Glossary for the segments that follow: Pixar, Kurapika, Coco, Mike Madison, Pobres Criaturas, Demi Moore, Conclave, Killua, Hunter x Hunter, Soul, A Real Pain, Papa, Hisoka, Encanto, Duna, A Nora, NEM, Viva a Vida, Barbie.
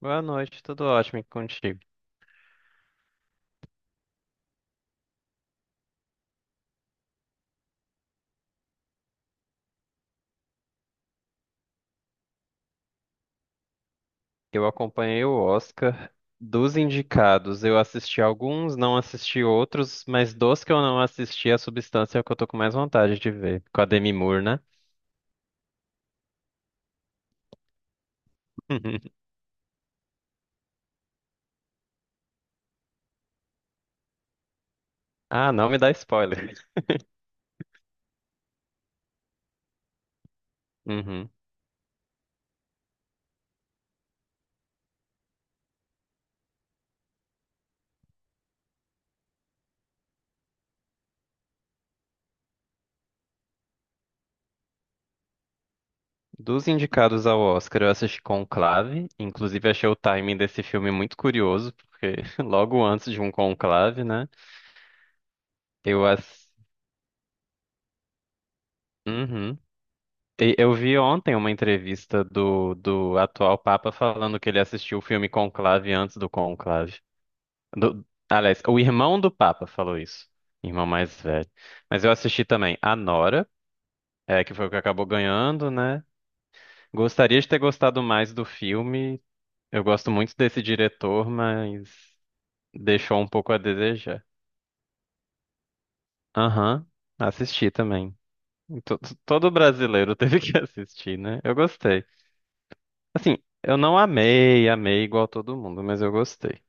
Boa noite, tudo ótimo e contigo. Eu acompanhei o Oscar dos indicados. Eu assisti alguns, não assisti outros, mas dos que eu não assisti, a substância é o que eu tô com mais vontade de ver. Com a Demi Moore, né? Ah, não me dá spoiler. Uhum. Dos indicados ao Oscar, eu assisti Conclave. Inclusive, achei o timing desse filme muito curioso, porque logo antes de um conclave, né? Eu assisti. Eu vi ontem uma entrevista do atual Papa falando que ele assistiu o filme Conclave antes do Conclave. Do, aliás, o irmão do Papa falou isso, irmão mais velho. Mas eu assisti também A Nora, é, que foi o que acabou ganhando, né? Gostaria de ter gostado mais do filme. Eu gosto muito desse diretor, mas deixou um pouco a desejar. Aham, assisti também. To- Todo brasileiro teve que assistir, né? Eu gostei. Assim, eu não amei, amei igual todo mundo, mas eu gostei.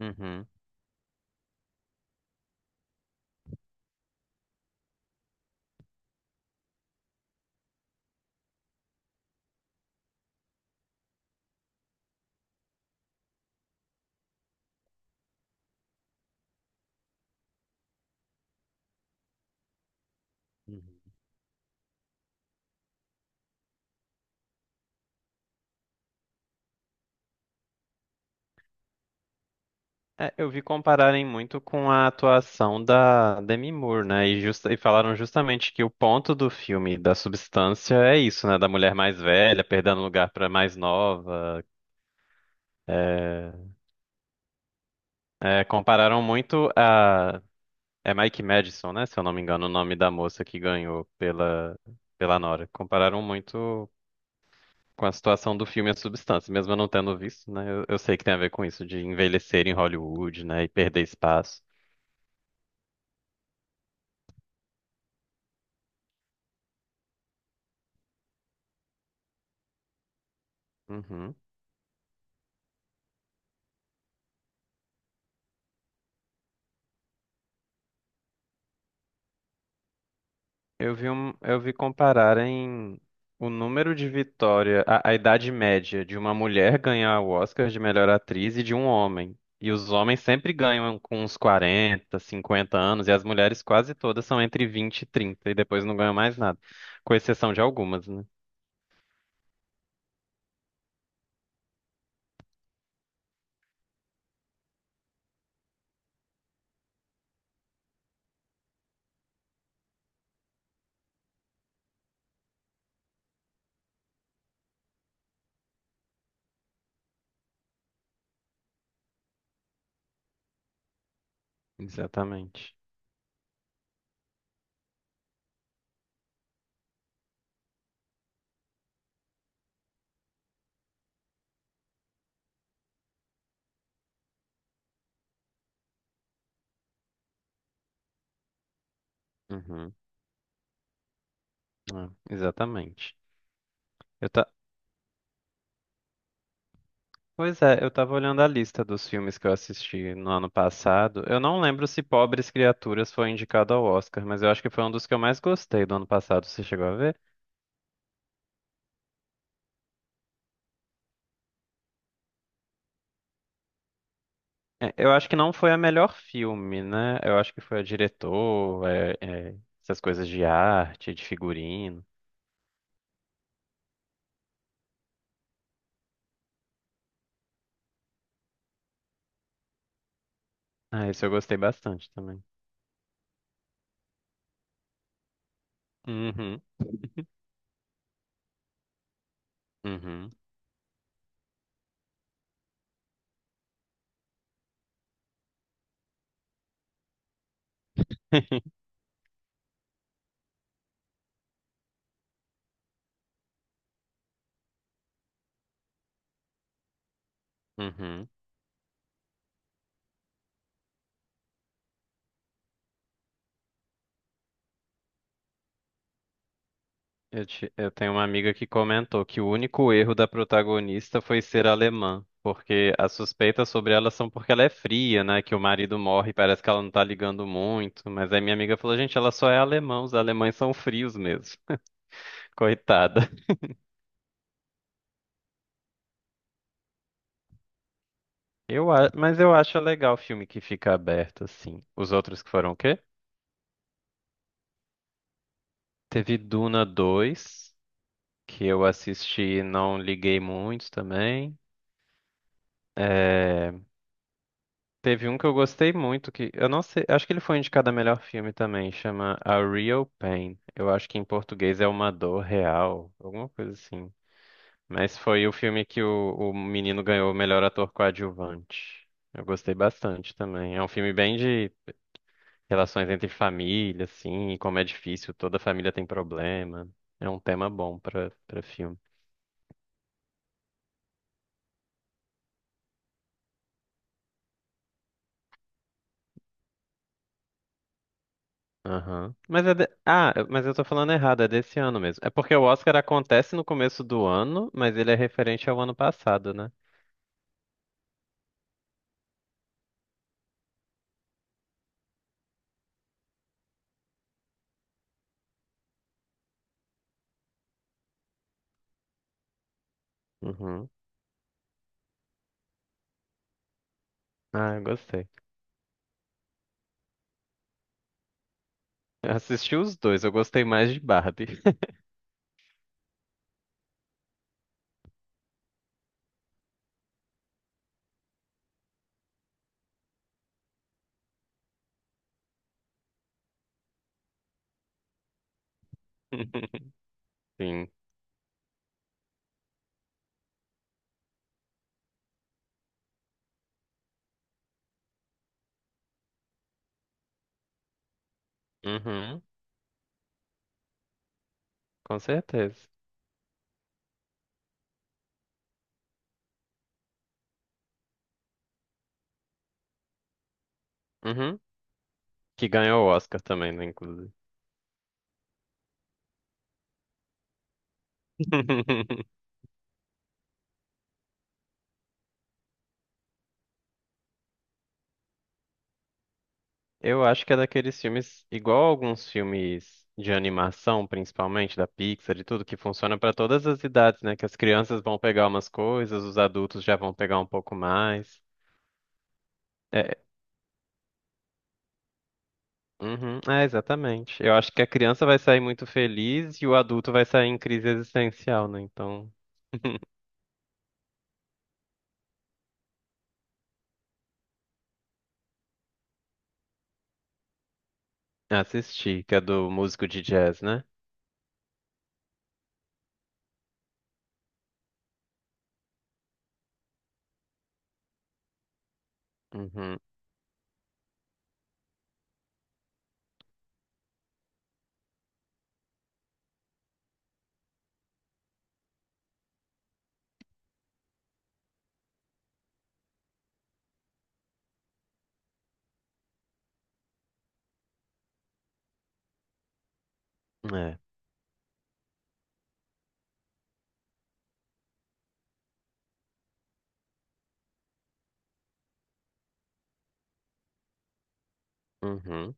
Uhum. Uhum. É, eu vi compararem muito com a atuação da Demi Moore, né? E, e falaram justamente que o ponto do filme, da substância, é isso, né? Da mulher mais velha perdendo lugar pra mais nova. É, compararam muito a. É Mike Madison, né? Se eu não me engano, o nome da moça que ganhou pela, pela Nora. Compararam muito. Com a situação do filme a substância. Mesmo eu não tendo visto, né? Eu sei que tem a ver com isso, de envelhecer em Hollywood, né? E perder espaço. Uhum. Eu vi compararem o número de vitória, a idade média de uma mulher ganhar o Oscar de melhor atriz e de um homem. E os homens sempre ganham com uns 40 50 anos, e as mulheres quase todas são entre 20 e 30 e depois não ganham mais nada. Com exceção de algumas, né? Exatamente. Uhum. É, exatamente. Eu, ta- Pois é, eu tava olhando a lista dos filmes que eu assisti no ano passado. Eu não lembro se Pobres Criaturas foi indicado ao Oscar, mas eu acho que foi um dos que eu mais gostei do ano passado. Você chegou a ver? É, eu acho que não foi a melhor filme, né? Eu acho que foi a diretor, essas coisas de arte, de figurino. Ah, esse eu gostei bastante também. Uhum, uhum, uhum. Eu tenho uma amiga que comentou que o único erro da protagonista foi ser alemã, porque as suspeitas sobre ela são porque ela é fria, né? Que o marido morre e parece que ela não tá ligando muito. Mas aí minha amiga falou, gente, ela só é alemã, os alemães são frios mesmo. Coitada. Mas eu acho legal o filme que fica aberto, assim. Os outros que foram o quê? Teve Duna dois, que eu assisti e não liguei muito também. É, teve um que eu gostei muito, que eu não sei, acho que ele foi indicado a melhor filme também, chama A Real Pain. Eu acho que em português é Uma Dor Real, alguma coisa assim. Mas foi o filme que o menino ganhou o melhor ator coadjuvante. Eu gostei bastante também. É um filme bem de relações entre família, assim, e como é difícil, toda família tem problema. É um tema bom pra para filme. Aham. Mas é de... mas eu tô falando errado, é desse ano mesmo. É porque o Oscar acontece no começo do ano, mas ele é referente ao ano passado, né? Uhum. Ah, eu gostei. Eu assisti os dois, eu gostei mais de Barbie. Sim. Uhum. Com certeza. Uhum. Que ganhou o Oscar também, né, inclusive. Eu acho que é daqueles filmes, igual alguns filmes de animação, principalmente da Pixar e tudo, que funciona pra todas as idades, né? Que as crianças vão pegar umas coisas, os adultos já vão pegar um pouco mais. É, uhum, é, exatamente. Eu acho que a criança vai sair muito feliz e o adulto vai sair em crise existencial, né? Então, assisti, que é do músico de jazz, né? Uhum, é. Uhum.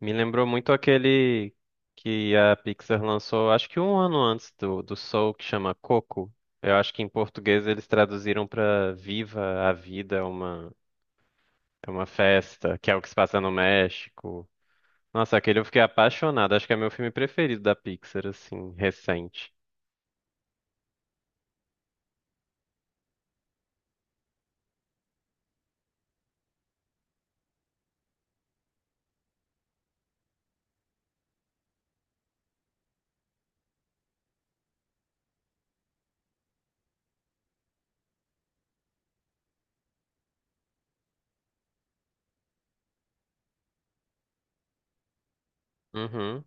Me lembrou muito aquele que a Pixar lançou, acho que um ano antes do Soul, que chama Coco. Eu acho que em português eles traduziram pra Viva a Vida, é uma festa, que é o que se passa no México. Nossa, aquele eu fiquei apaixonado. Acho que é meu filme preferido da Pixar, assim, recente. Uhum.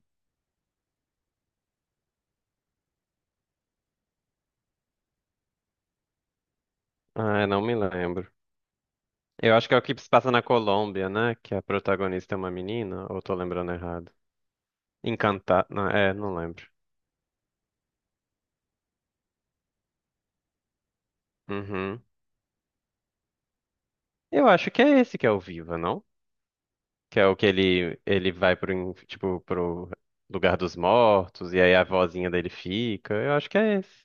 Ah, eu não me lembro. Eu acho que é o que se passa na Colômbia, né? Que a protagonista é uma menina, ou tô lembrando errado. Encantada. Não, é, não lembro. Uhum. Eu acho que é esse que é o Viva, não? Que é o que ele vai pro, tipo, pro lugar dos mortos e aí a vozinha dele fica. Eu acho que é esse.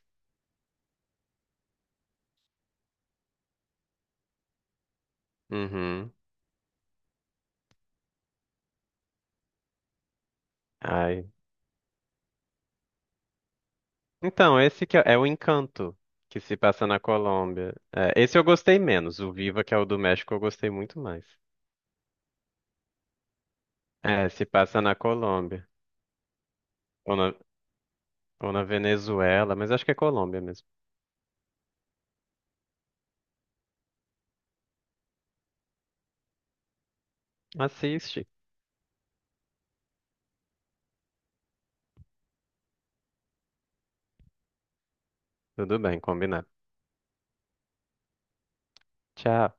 Uhum. Ai. Então, esse que é, é o Encanto que se passa na Colômbia. É, esse eu gostei menos. O Viva, que é o do México, eu gostei muito mais. É, se passa na Colômbia. Ou na, ou na Venezuela, mas acho que é Colômbia mesmo. Assiste. Tudo bem, combinado. Tchau.